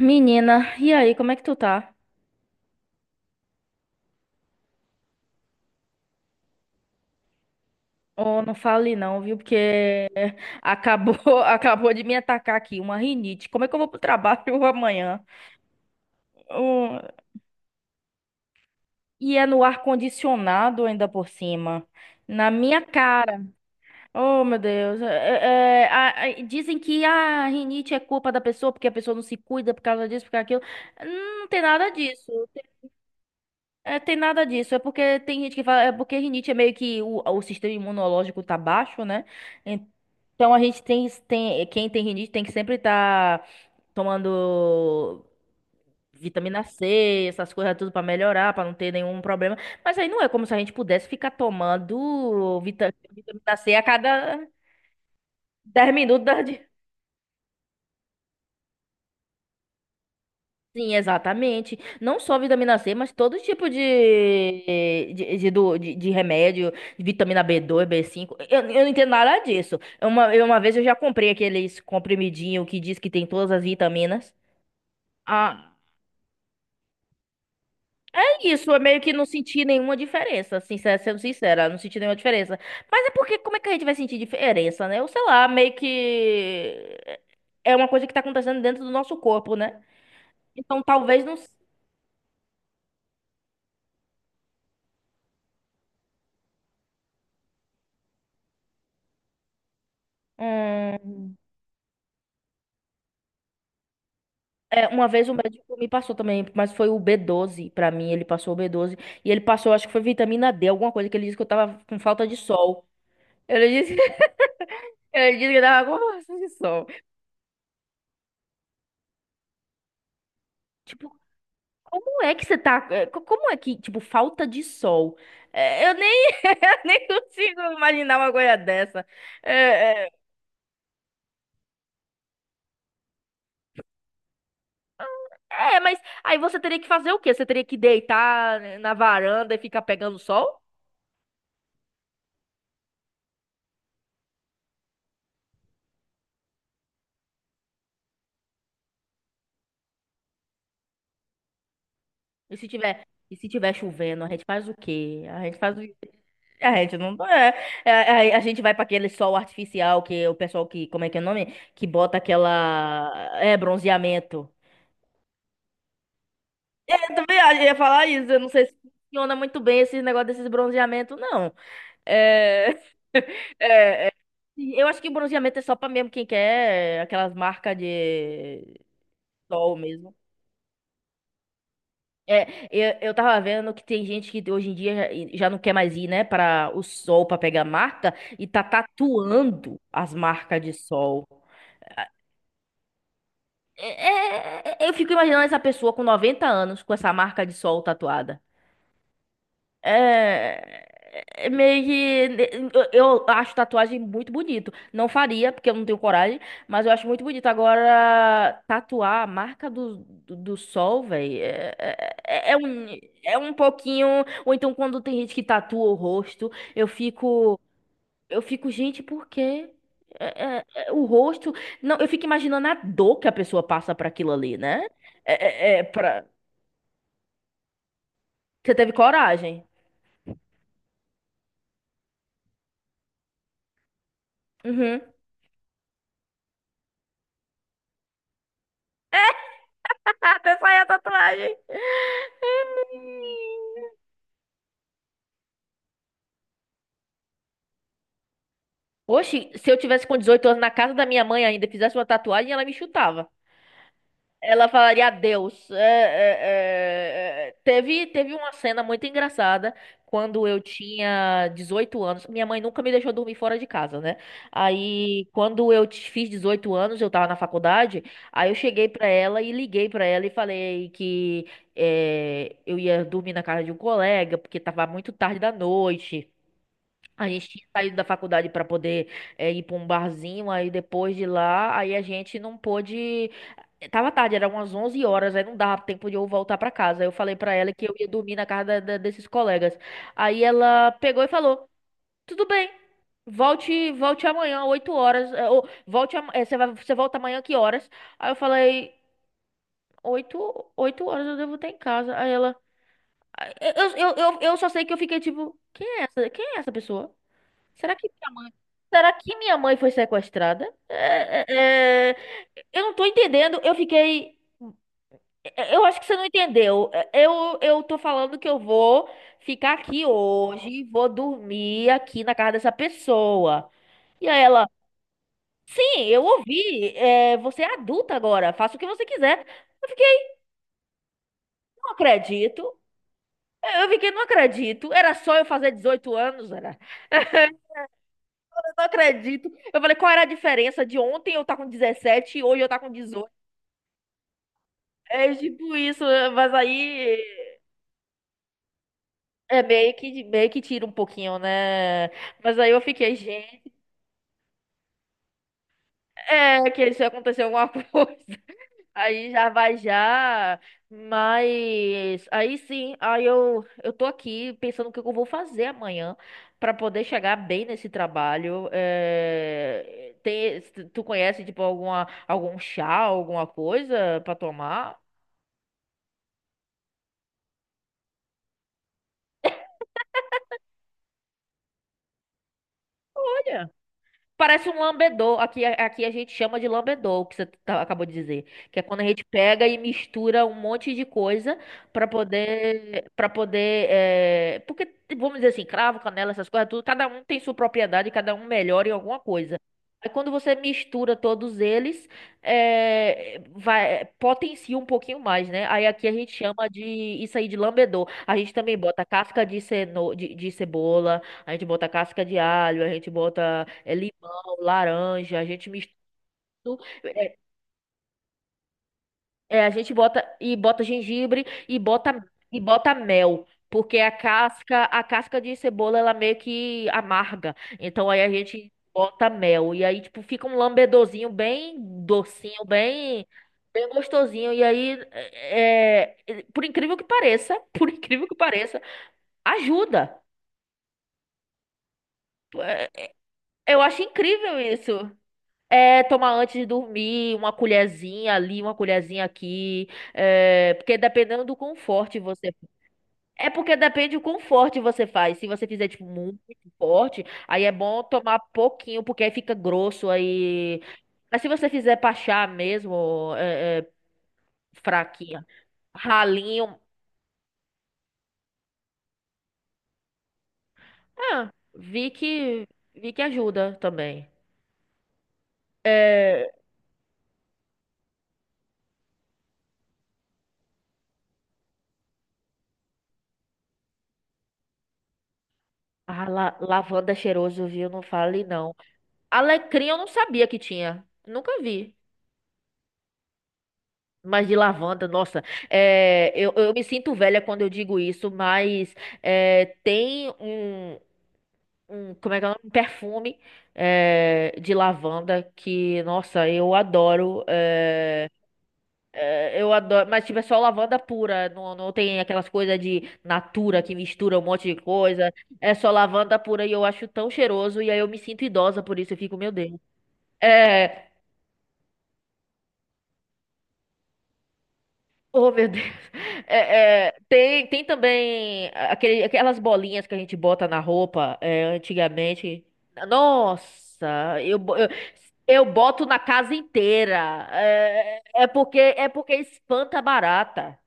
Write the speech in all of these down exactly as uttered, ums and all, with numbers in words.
Menina, e aí, como é que tu tá? Oh, não fale não, viu? Porque acabou, acabou de me atacar aqui uma rinite. Como é que eu vou pro trabalho amanhã? Oh, e é no ar-condicionado ainda por cima. Na minha cara. Oh, meu Deus. É- é- a- a- dizem que a rinite é culpa da pessoa, porque a pessoa não se cuida por causa disso, por causa daquilo. Não tem nada disso. É, tem nada disso. É porque tem gente que fala. É porque rinite é meio que o, o sistema imunológico tá baixo, né? Então a gente tem, tem quem tem rinite tem que sempre estar tomando vitamina C, essas coisas tudo pra melhorar, pra não ter nenhum problema. Mas aí não é como se a gente pudesse ficar tomando vita- vitamina C a cada dez minutos da... de- Sim, exatamente. Não só vitamina C, mas todo tipo de, de, de, do- de- de remédio, vitamina b dois b cinco. Eu, eu não entendo nada disso. Eu Uma, eu- uma vez eu já comprei aqueles comprimidinho que diz que tem todas as vitaminas. Ah, isso, eu meio que não senti nenhuma diferença, sincera, sendo sincera, não senti nenhuma diferença. Mas é porque, como é que a gente vai sentir diferença, né? Eu sei lá, meio que é uma coisa que tá acontecendo dentro do nosso corpo, né? Então talvez não. Hum, é, uma vez o médico me passou também, mas foi o B doze pra mim, ele passou o B doze e ele passou, acho que foi vitamina D, alguma coisa que ele disse que eu tava com falta de sol. Ele disse, ele disse que eu tava com falta de sol. Tipo, como é que você tá? é, co- Como é que, tipo, falta de sol? É, eu nem, eu nem consigo imaginar uma coisa dessa. É, é, é, mas aí você teria que fazer o quê? Você teria que deitar na varanda e ficar pegando sol? E se tiver, e se tiver chovendo, a gente faz o quê? A gente faz o... A gente não... É, é, é, a gente vai para aquele sol artificial que o pessoal que... Como é que é o nome? Que bota aquela... É, bronzeamento. Eu também acho- ia falar isso. Eu não sei se funciona muito bem esse negócio desses bronzeamentos, não. É... Eu acho que bronzeamento é só pra mesmo quem quer aquelas marcas de sol mesmo. É, eu, eu tava vendo que tem gente que hoje em dia já, já não quer mais ir, né, para o sol pra pegar marca e tá tatuando as marcas de sol. É- é- é- eu fico imaginando essa pessoa com noventa anos com essa marca de sol tatuada. É, é meio que eu eu acho tatuagem muito bonito. Não faria, porque eu não tenho coragem, mas eu acho muito bonito. Agora, tatuar a marca do, do, do sol, velho, é, é, é é um, é um pouquinho. Ou então, quando tem gente que tatua o rosto, eu fico, eu fico, gente, por quê? É- é- é, o rosto. Não, eu fico imaginando a dor que a pessoa passa pra aquilo ali, né? É, é, é pra... Você teve coragem. Uhum. Até sair a tatuagem. Oxi, se eu tivesse com dezoito anos na casa da minha mãe ainda, e fizesse uma tatuagem, ela me chutava. Ela falaria adeus. É, é, é, é. Teve, teve uma cena muito engraçada quando eu tinha dezoito anos. Minha mãe nunca me deixou dormir fora de casa, né? Aí, quando eu t- fiz dezoito anos, eu tava na faculdade. Aí eu cheguei pra ela e liguei pra ela e falei que é, eu ia dormir na casa de um colega, porque tava muito tarde da noite. A gente tinha saído da faculdade para poder é, ir para um barzinho, aí depois de lá, aí a gente não pôde. Tava tarde, era umas onze horas, aí não dava tempo de eu voltar pra casa. Eu falei pra ela que eu ia dormir na casa da- da- desses colegas. Aí ela pegou e falou: "Tudo bem. Volte, volte amanhã, oito horas, é, ou volte, ama- é, você vai, você volta amanhã que horas?" Aí eu falei: oito, oito horas eu devo estar em casa." Aí ela eu, eu, eu, eu só sei que eu fiquei tipo, quem é essa? Quem é essa pessoa? Será que, será que minha mãe foi sequestrada? É, é, é, eu não tô entendendo. Eu fiquei. É, eu acho que você não entendeu. É, Eu, eu tô falando que eu vou ficar aqui hoje, vou dormir aqui na casa dessa pessoa. E aí ela, sim, eu ouvi. É, você é adulta agora, faça o que você quiser. Eu fiquei, não acredito. Eu fiquei, não acredito. Era só eu fazer dezoito anos, era. Eu não acredito. Eu falei, qual era a diferença de ontem eu tá com dezessete e hoje eu tá com dezoito. É tipo isso, mas aí é meio que, meio que tira um pouquinho, né? Mas aí eu fiquei, gente. É, que se acontecer alguma coisa, aí já vai já. Mas aí sim, aí eu, eu tô aqui pensando o que eu vou fazer amanhã pra poder chegar bem nesse trabalho. É, tem, tu conhece, tipo, alguma, algum chá, alguma coisa pra tomar? Olha, parece um lambedor. Aqui, aqui a gente chama de lambedor, o que você tá- acabou de dizer. Que é quando a gente pega e mistura um monte de coisa pra poder, para poder, é, porque vamos dizer assim, cravo, canela, essas coisas, tudo. Cada um tem sua propriedade, cada um melhora em alguma coisa. Aí quando você mistura todos eles, é, vai, potencia um pouquinho mais, né? Aí aqui a gente chama de isso aí de lambedor. A gente também bota casca de, ceno, de de cebola, a gente bota casca de alho, a gente bota é, limão laranja, a gente mistura, é, é, a gente bota e bota gengibre e bota e bota mel, porque a casca, a casca de cebola ela meio que amarga. Então aí a gente bota mel e aí tipo fica um lambedorzinho bem docinho, bem bem gostosinho. E aí é, é, por incrível que pareça, por incrível que pareça, ajuda. É, eu acho incrível isso. É, tomar antes de dormir, uma colherzinha ali, uma colherzinha aqui. É, porque dependendo do quão forte você. É porque depende do quão forte você faz. Se você fizer, tipo, muito forte, aí é bom tomar pouquinho, porque aí fica grosso. Aí. Mas se você fizer pra chá mesmo, é, é, fraquinha, ralinho. Ah, vi que, vi que ajuda também. É, ah, la- lavanda é cheiroso, viu? Não fale não. Alecrim eu não sabia que tinha. Nunca vi. Mas de lavanda, nossa, é, eu, eu me sinto velha quando eu digo isso, mas é, tem um, um, como é que é o nome? Um perfume é, de lavanda que, nossa, eu adoro. É, é, eu adoro, mas tipo, é só lavanda pura, não, não tem aquelas coisas de natura que mistura um monte de coisa. É só lavanda pura e eu acho tão cheiroso e aí eu me sinto idosa por isso, eu fico, meu Deus. É, oh, meu Deus. É, é, tem, tem também aquele, aquelas bolinhas que a gente bota na roupa, é, antigamente. Nossa, eu, bo- eu, eu boto na casa inteira. É, é porque é porque espanta a barata.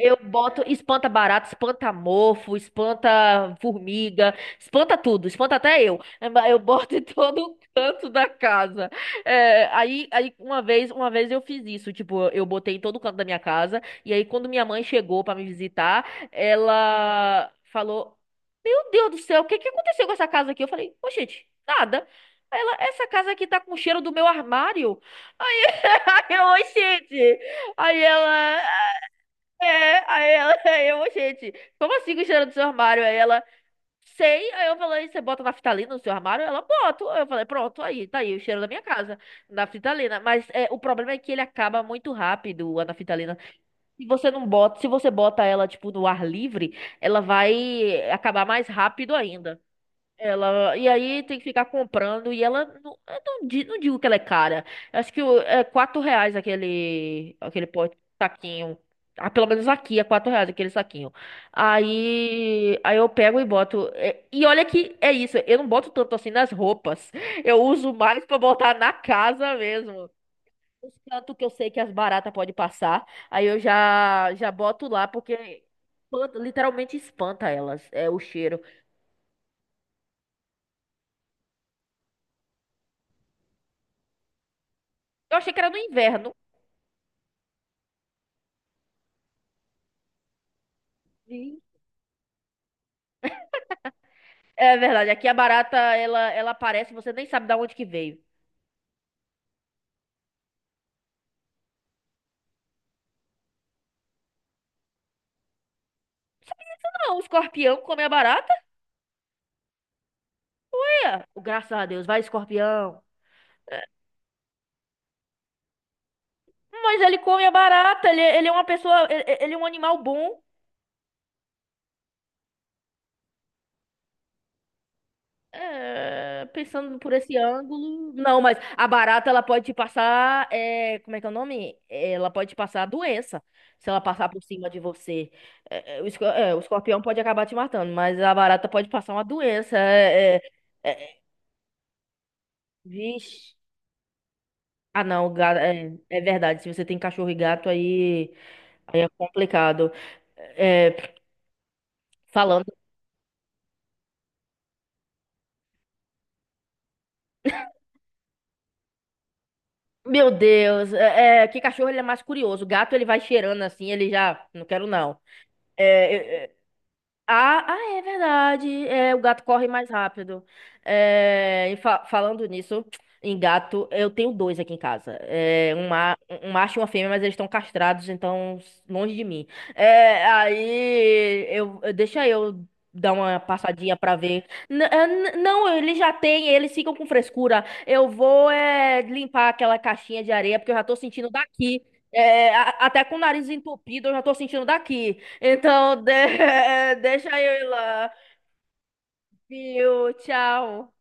Eu boto espanta barato, espanta mofo, espanta formiga, espanta tudo, espanta até eu. É, mas eu boto em todo canto da casa. É, aí, aí uma vez, uma vez eu fiz isso, tipo, eu botei em todo canto da minha casa. E aí quando minha mãe chegou pra me visitar, ela falou: "Meu Deus do céu, o que que aconteceu com essa casa aqui?" Eu falei: "Ô, gente, nada." Ela, essa casa aqui tá com cheiro do meu armário. Aí eu, "Ô, gente. Aí ela. É, aí ela, aí eu, gente, como assim que cheiro do seu armário? Aí ela, sei, aí eu falei, você bota naftalina no seu armário? Ela, boto. Aí eu falei, pronto, aí, tá aí o cheiro da minha casa, naftalina. Mas é, o problema é que ele acaba muito rápido, a naftalina. Se você não bota, se você bota ela, tipo, no ar livre, ela vai acabar mais rápido ainda. Ela, e aí tem que ficar comprando. E ela, não, eu não, di- não digo que ela é cara. Eu acho que o- é quatro reais aquele, aquele pote, saquinho. Ah, pelo menos aqui é quatro reais aquele saquinho. Aí, aí eu pego e boto. É, e olha que é isso. Eu não boto tanto assim nas roupas. Eu uso mais pra botar na casa mesmo. Os cantos que eu sei que as baratas podem passar. Aí eu já, já boto lá porque espanta- literalmente espanta elas. É o cheiro. Eu achei que era no inverno. É verdade, aqui a barata, ela, ela aparece, você nem sabe da onde que veio. Não, o escorpião come a barata, né? Graças a Deus, vai escorpião. É, mas ele come a barata, ele, ele é uma pessoa, ele, ele é um animal bom. É, pensando por esse ângulo. Não, mas a barata, ela pode te passar, é, como é que é o nome? Ela pode te passar doença, se ela passar por cima de você. É, é, o, esco- é, o escorpião pode acabar te matando, mas a barata pode passar uma doença. É, é, é, Vixe. Ah, não, gato, é, é verdade. Se você tem cachorro e gato, aí, aí é complicado. É, falando, meu Deus, é, é, que cachorro ele é mais curioso. O gato ele vai cheirando assim, ele já, não quero não. É, ah, ah, é verdade. É, o gato corre mais rápido. É, e fa- falando nisso, em gato, eu tenho dois aqui em casa. É, um, ma- um macho e uma fêmea, mas eles estão castrados, então longe de mim. É, aí eu, eu- deixa eu dar uma passadinha pra ver. N- é, n- não, eles já têm, eles ficam com frescura. Eu vou é, limpar aquela caixinha de areia, porque eu já tô sentindo daqui. É, a- até com o nariz entupido, eu já tô sentindo daqui. Então, de- deixa eu ir lá. Viu? Tchau.